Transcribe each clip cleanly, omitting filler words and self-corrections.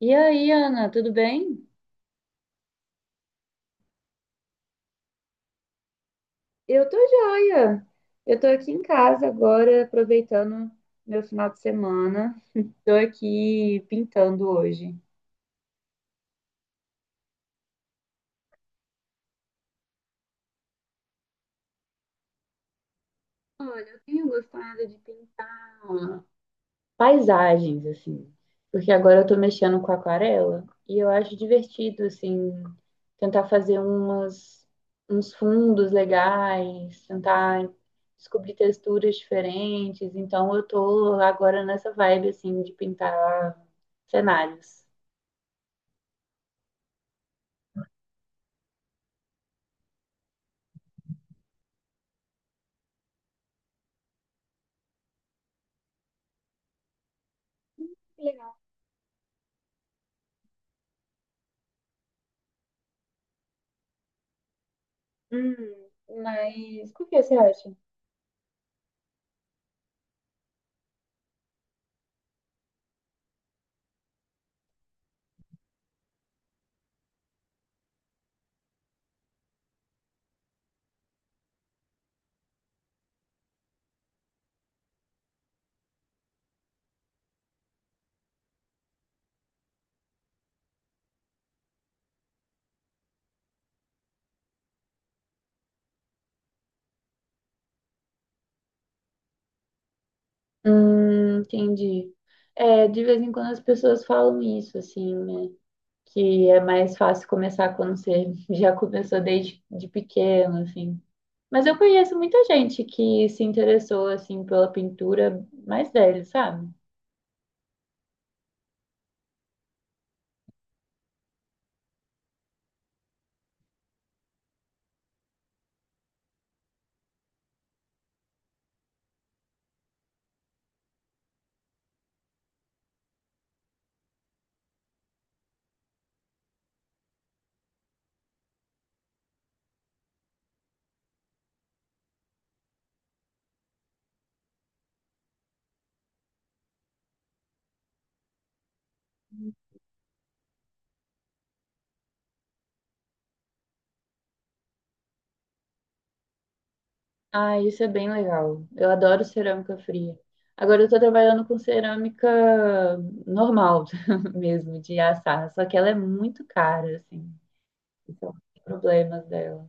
E aí, Ana, tudo bem? Eu tô joia. Eu tô aqui em casa agora, aproveitando meu final de semana. Tô aqui pintando hoje. Olha, eu tenho gostado de pintar paisagens, assim. Porque agora eu tô mexendo com aquarela e eu acho divertido, assim, tentar fazer uns fundos legais, tentar descobrir texturas diferentes. Então eu tô agora nessa vibe, assim, de pintar cenários. Que legal. Hum, mas por que você acha? Entendi. É, de vez em quando as pessoas falam isso, assim, né? Que é mais fácil começar quando você já começou desde de pequeno, assim. Mas eu conheço muita gente que se interessou, assim, pela pintura mais velha, sabe? Ah, isso é bem legal. Eu adoro cerâmica fria. Agora eu tô trabalhando com cerâmica normal mesmo, de assar, só que ela é muito cara, assim. Então, tem problemas dela.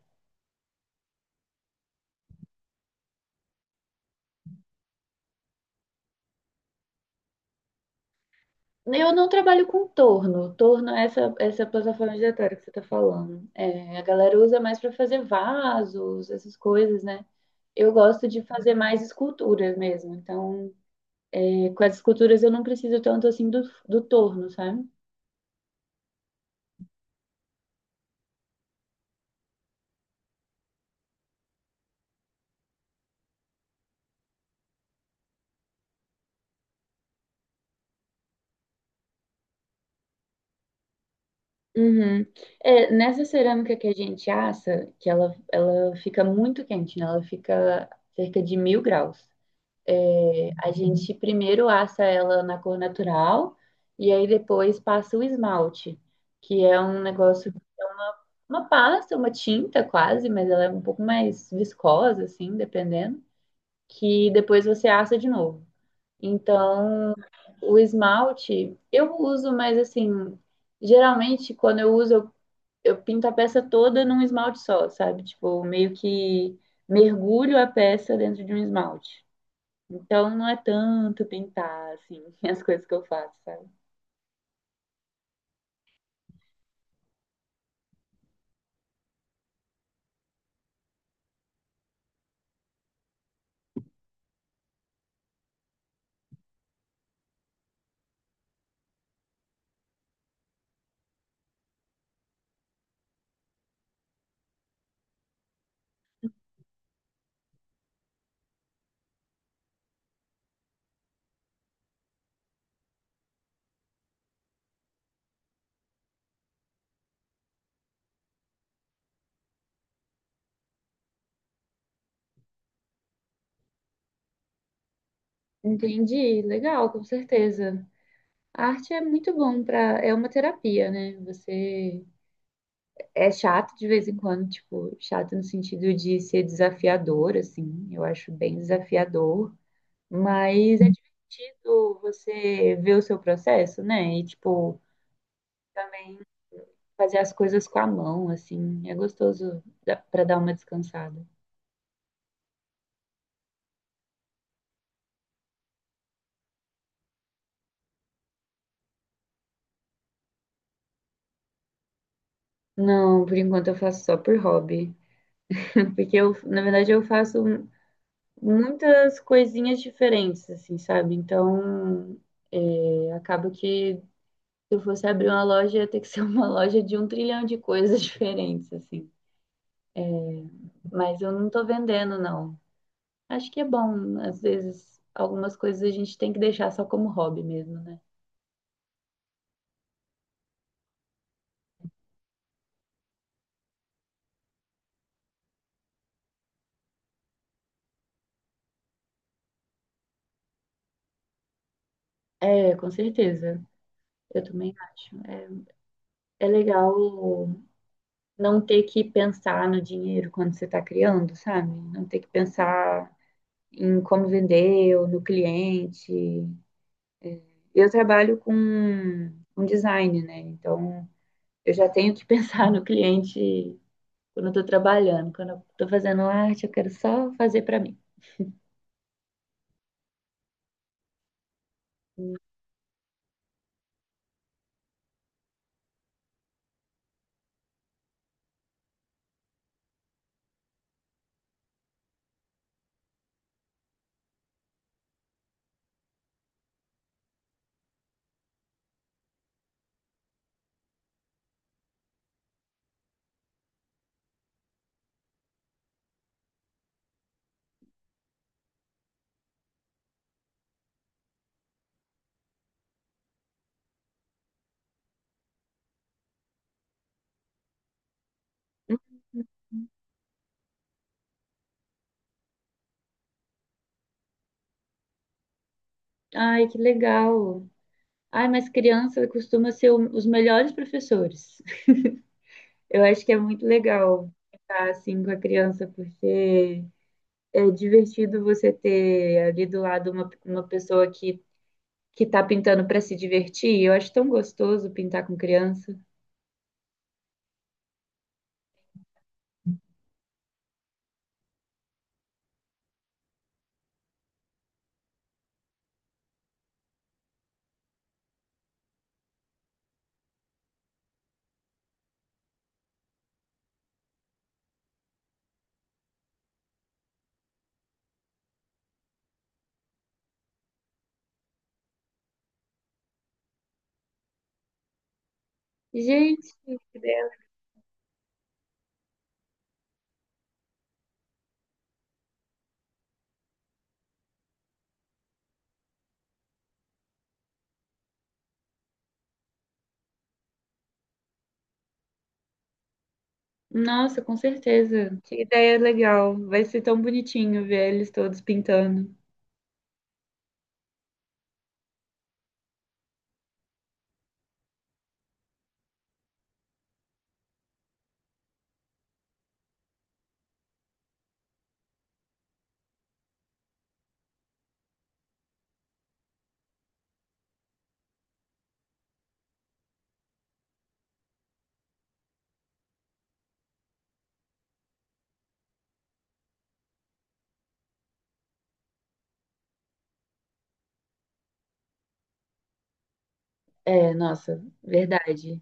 Eu não trabalho com torno. Torno é essa plataforma giratória que você está falando. É, a galera usa mais para fazer vasos, essas coisas, né? Eu gosto de fazer mais esculturas mesmo. Então, é, com as esculturas eu não preciso tanto assim do torno, sabe? Uhum. É, nessa cerâmica que a gente assa, que ela fica muito quente, né? Ela fica cerca de 1000 graus. É, a gente primeiro assa ela na cor natural e aí depois passa o esmalte, que é um negócio, uma pasta, uma tinta quase, mas ela é um pouco mais viscosa, assim, dependendo, que depois você assa de novo. Então, o esmalte eu uso, mas assim, geralmente quando eu uso, eu pinto a peça toda num esmalte só, sabe? Tipo, meio que mergulho a peça dentro de um esmalte. Então não é tanto pintar, assim, as coisas que eu faço, sabe? Entendi, legal, com certeza. A arte é muito bom para, é uma terapia, né? Você é chato de vez em quando, tipo, chato no sentido de ser desafiador, assim. Eu acho bem desafiador, mas é divertido você ver o seu processo, né? E tipo, também fazer as coisas com a mão, assim. É gostoso para dar uma descansada. Não, por enquanto eu faço só por hobby. Porque eu, na verdade, eu faço muitas coisinhas diferentes, assim, sabe? Então, é, acaba que se eu fosse abrir uma loja, ia ter que ser uma loja de um trilhão de coisas diferentes, assim. Mas eu não tô vendendo, não. Acho que é bom, às vezes, algumas coisas a gente tem que deixar só como hobby mesmo, né? É, com certeza. Eu também acho. É, é legal não ter que pensar no dinheiro quando você tá criando, sabe? Não ter que pensar em como vender ou no cliente. Eu trabalho com design, né? Então eu já tenho que pensar no cliente quando eu tô trabalhando, quando eu tô fazendo arte, eu quero só fazer para mim. Ai, que legal. Ai, mas criança costuma ser os melhores professores. Eu acho que é muito legal estar assim com a criança, porque é divertido você ter ali do lado uma pessoa que tá pintando para se divertir. Eu acho tão gostoso pintar com criança. Gente, que ideia. Nossa, com certeza. Que ideia legal. Vai ser tão bonitinho ver eles todos pintando. É, nossa, verdade.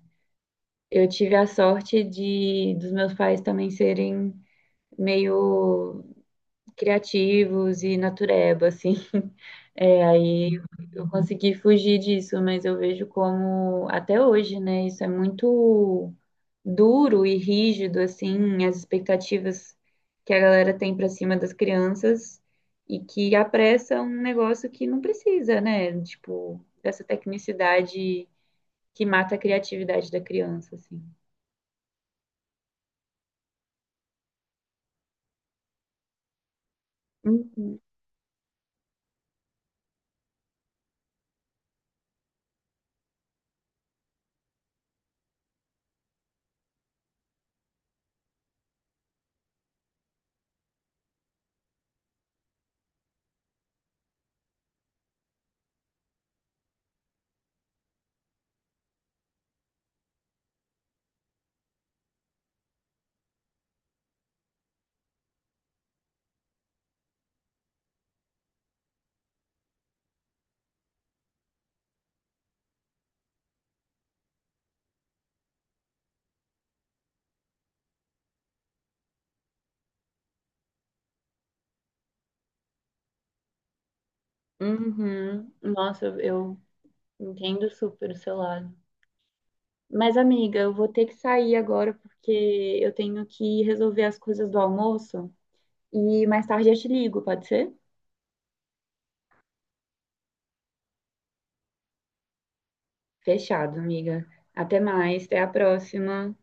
Eu tive a sorte de dos meus pais também serem meio criativos e natureba, assim. É, aí eu consegui fugir disso, mas eu vejo como até hoje, né? Isso é muito duro e rígido, assim, as expectativas que a galera tem para cima das crianças e que apressa um negócio que não precisa, né? Tipo, dessa tecnicidade que mata a criatividade da criança, assim. Uhum. Uhum. Nossa, eu entendo super o seu lado. Mas, amiga, eu vou ter que sair agora porque eu tenho que resolver as coisas do almoço e mais tarde eu te ligo, pode ser? Fechado, amiga. Até mais, até a próxima.